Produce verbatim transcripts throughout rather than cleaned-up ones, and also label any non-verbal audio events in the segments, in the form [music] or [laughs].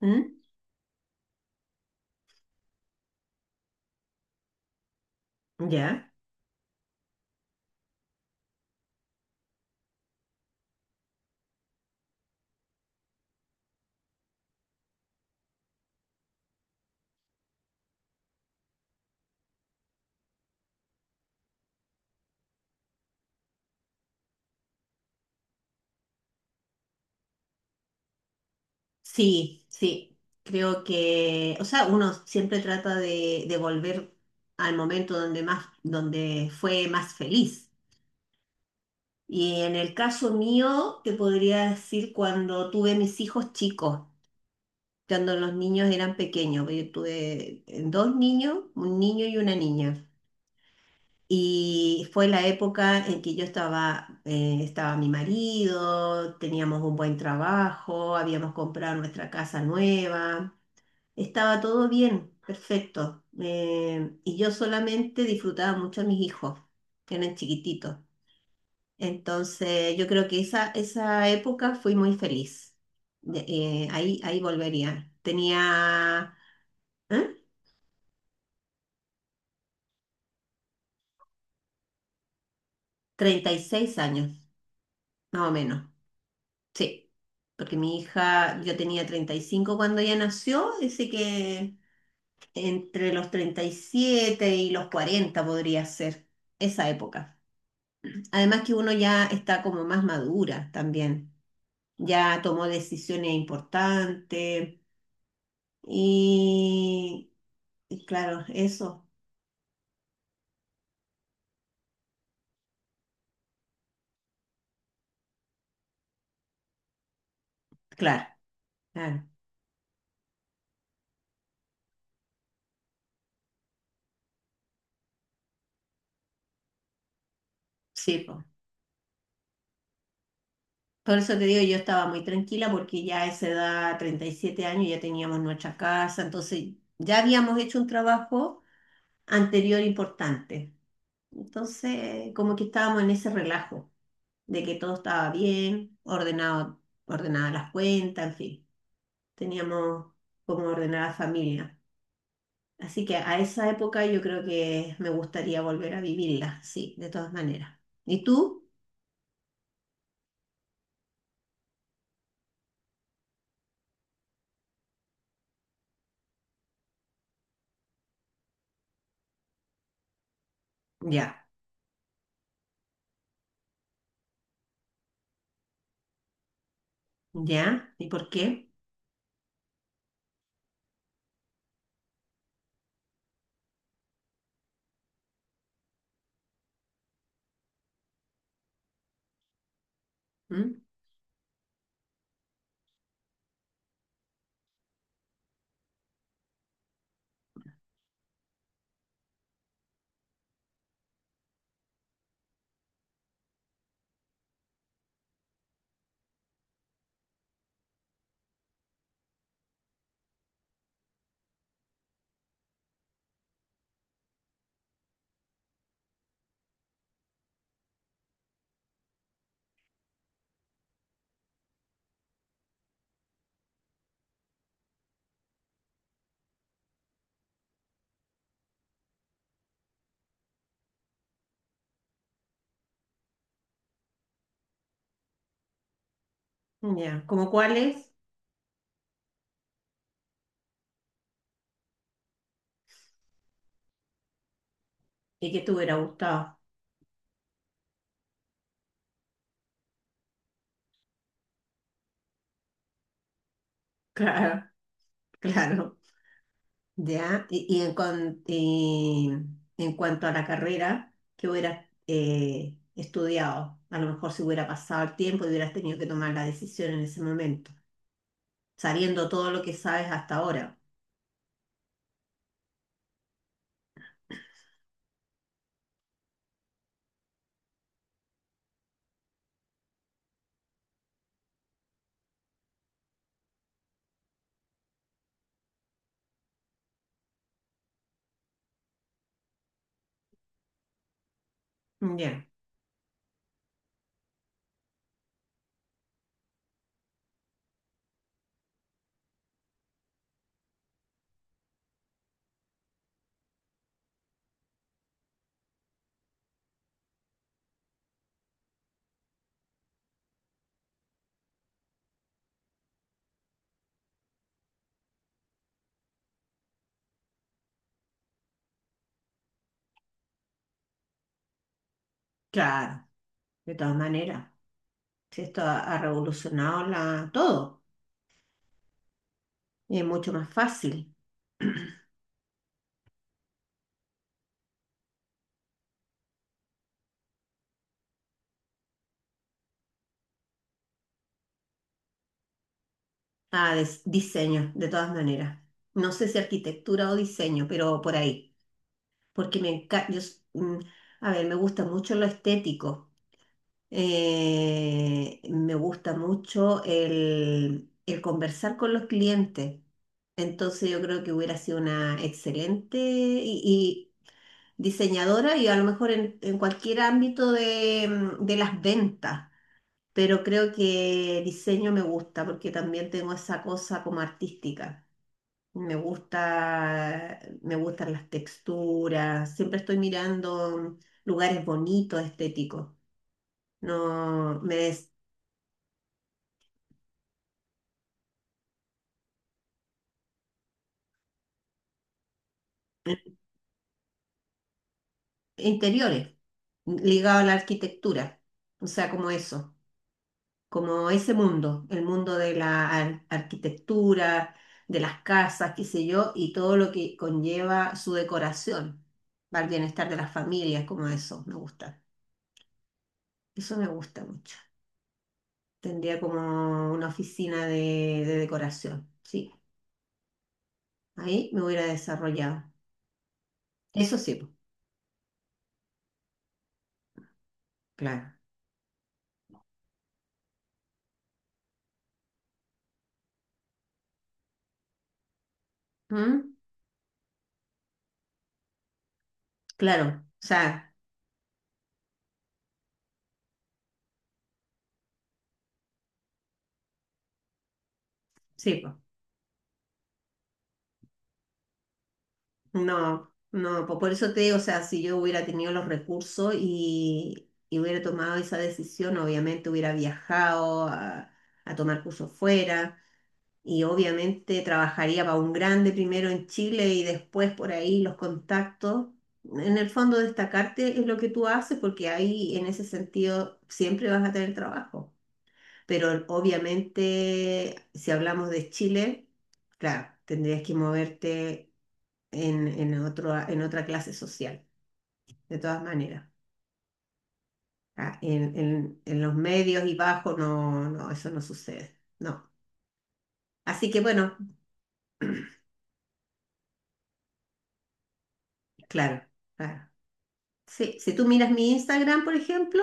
¿Mm? ¿Ya? Sí, sí, creo que, o sea, uno siempre trata de, de volver al momento donde más, donde fue más feliz. Y en el caso mío, te podría decir cuando tuve mis hijos chicos, cuando los niños eran pequeños. Yo tuve eh, dos niños, un niño y una niña. Y fue la época en que yo estaba, eh, estaba mi marido, teníamos un buen trabajo, habíamos comprado nuestra casa nueva. Estaba todo bien, perfecto. Eh, y yo solamente disfrutaba mucho a mis hijos, que eran chiquititos. Entonces, yo creo que esa, esa época fui muy feliz. De- eh, ahí, ahí volvería. Tenía, ¿eh? treinta y seis años, más o menos. Sí, porque mi hija, yo tenía treinta y cinco cuando ella nació, así que entre los treinta y siete y los cuarenta podría ser esa época. Además que uno ya está como más madura también, ya tomó decisiones importantes y, y claro, eso, claro, claro, sí. Por eso te digo, yo estaba muy tranquila porque ya a esa edad, treinta y siete años, ya teníamos nuestra casa, entonces ya habíamos hecho un trabajo anterior importante. Entonces, como que estábamos en ese relajo de que todo estaba bien, ordenado, ordenadas las cuentas, en fin, teníamos como ordenada la familia. Así que a esa época yo creo que me gustaría volver a vivirla, sí, de todas maneras. ¿Y tú? Ya, ya, ¿y por qué? ¿Mm? Ya, ¿como cuáles? Y que te hubiera gustado. [laughs] Claro, claro. Ya, y, y en, cuan- y en cuanto a la carrera, ¿que hubieras eh, estudiado? A lo mejor si hubiera pasado el tiempo y hubieras tenido que tomar la decisión en ese momento, sabiendo todo lo que sabes hasta ahora. Ya, claro, de todas maneras. Si esto ha, ha revolucionado la, todo, y es mucho más fácil. [clears throat] Ah, des- diseño, de todas maneras. No sé si arquitectura o diseño, pero por ahí. Porque me encanta, a ver, me gusta mucho lo estético. Eh, me gusta mucho el, el conversar con los clientes. Entonces yo creo que hubiera sido una excelente y, y diseñadora y a lo mejor en, en cualquier ámbito de, mm, de las ventas. Pero creo que diseño me gusta porque también tengo esa cosa como artística. Me gusta, me gustan las texturas. Siempre estoy mirando lugares bonitos, estéticos. No, me des- interiores, ligado a la arquitectura, o sea, como eso, como ese mundo, el mundo de la ar- arquitectura, de las casas, qué sé yo, y todo lo que conlleva su decoración, para el bienestar de las familias, como eso, me gusta. Eso me gusta mucho. Tendría como una oficina de, de decoración, sí. Ahí me hubiera desarrollado. Eso sí, po, claro. ¿Mm? Claro, o sea, sí, po. No, no, po- por eso te digo, o sea, si yo hubiera tenido los recursos y, y hubiera tomado esa decisión, obviamente hubiera viajado a, a tomar cursos fuera y obviamente trabajaría para un grande primero en Chile y después por ahí los contactos. En el fondo destacarte es lo que tú haces porque ahí en ese sentido siempre vas a tener trabajo. Pero obviamente si hablamos de Chile, claro, tendrías que moverte en, en, otro, en otra clase social, de todas maneras. Ah, en, en- en los medios y bajos no, no, eso no sucede. No. Así que bueno, claro, claro. Sí, si tú miras mi Instagram, por ejemplo,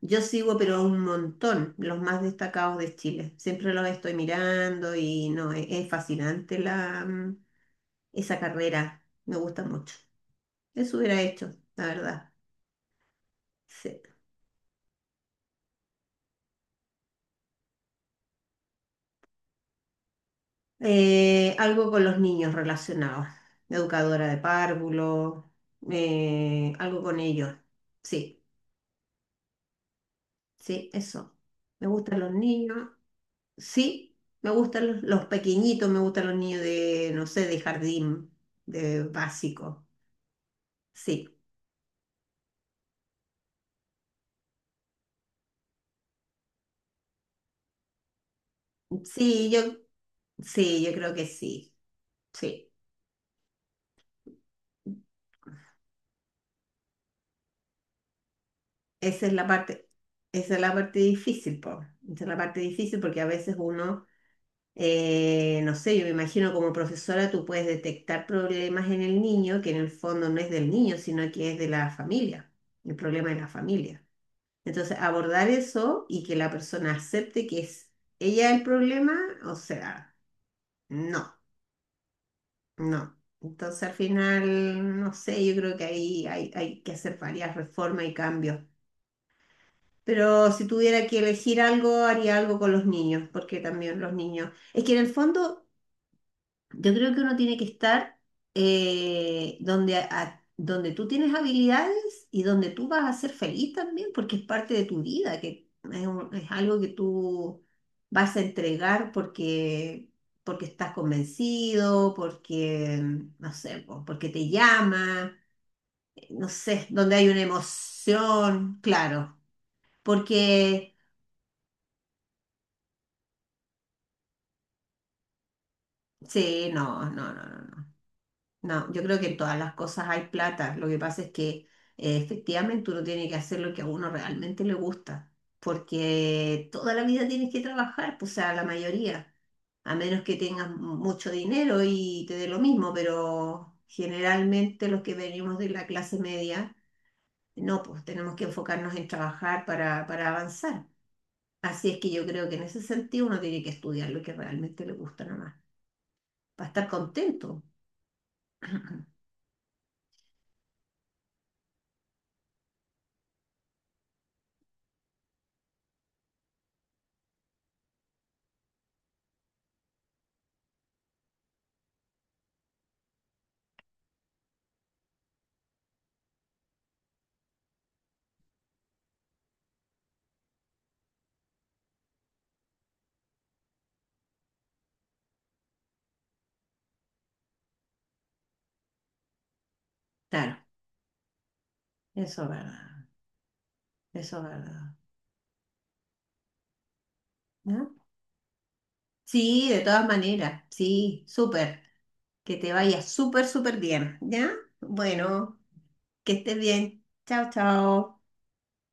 yo sigo pero a un montón los más destacados de Chile. Siempre los estoy mirando y no, es, es fascinante la, mm, esa carrera. Me gusta mucho. Eso hubiera hecho, la verdad. Sí. Eh, algo con los niños relacionados. Educadora de párvulos, eh, algo con ellos. Sí, sí, eso. Me gustan los niños. Sí, me gustan los, los pequeñitos, me gustan los niños de, no sé, de jardín, de básico. Sí, sí, yo, sí, yo creo que sí. Sí, esa es la parte, esa es la parte difícil, po. Esa es la parte difícil porque a veces uno. Eh, no sé, yo me imagino como profesora tú puedes detectar problemas en el niño que en el fondo no es del niño, sino que es de la familia, el problema de la familia. Entonces, abordar eso y que la persona acepte que es ella el problema, o sea, no, no. Entonces, al final, no sé, yo creo que ahí hay, hay que hacer varias reformas y cambios. Pero si tuviera que elegir algo, haría algo con los niños, porque también los niños, es que en el fondo... Yo creo que uno tiene que estar eh, donde, a- donde tú tienes habilidades y donde tú vas a ser feliz también, porque es parte de tu vida, que es, un- es algo que tú vas a entregar porque, porque estás convencido, porque, no sé, po, porque te llama, eh, no sé, donde hay una emoción, claro, porque, sí, no, no, no, no. No. No, yo creo que en todas las cosas hay plata. Lo que pasa es que eh, efectivamente uno tiene que hacer lo que a uno realmente le gusta, porque toda la vida tienes que trabajar, pues, o sea, la mayoría, a menos que tengas mucho dinero y te dé lo mismo, pero generalmente los que venimos de la clase media, no, pues tenemos que enfocarnos en trabajar para, para avanzar. Así es que yo creo que en ese sentido uno tiene que estudiar lo que realmente le gusta nomás, para estar contento. [clears throat] Claro, eso es verdad. Eso es verdad. ¿No? Sí, de todas maneras, sí, súper. Que te vaya súper, súper bien, ¿ya? Bueno, que estés bien. Chao, chao.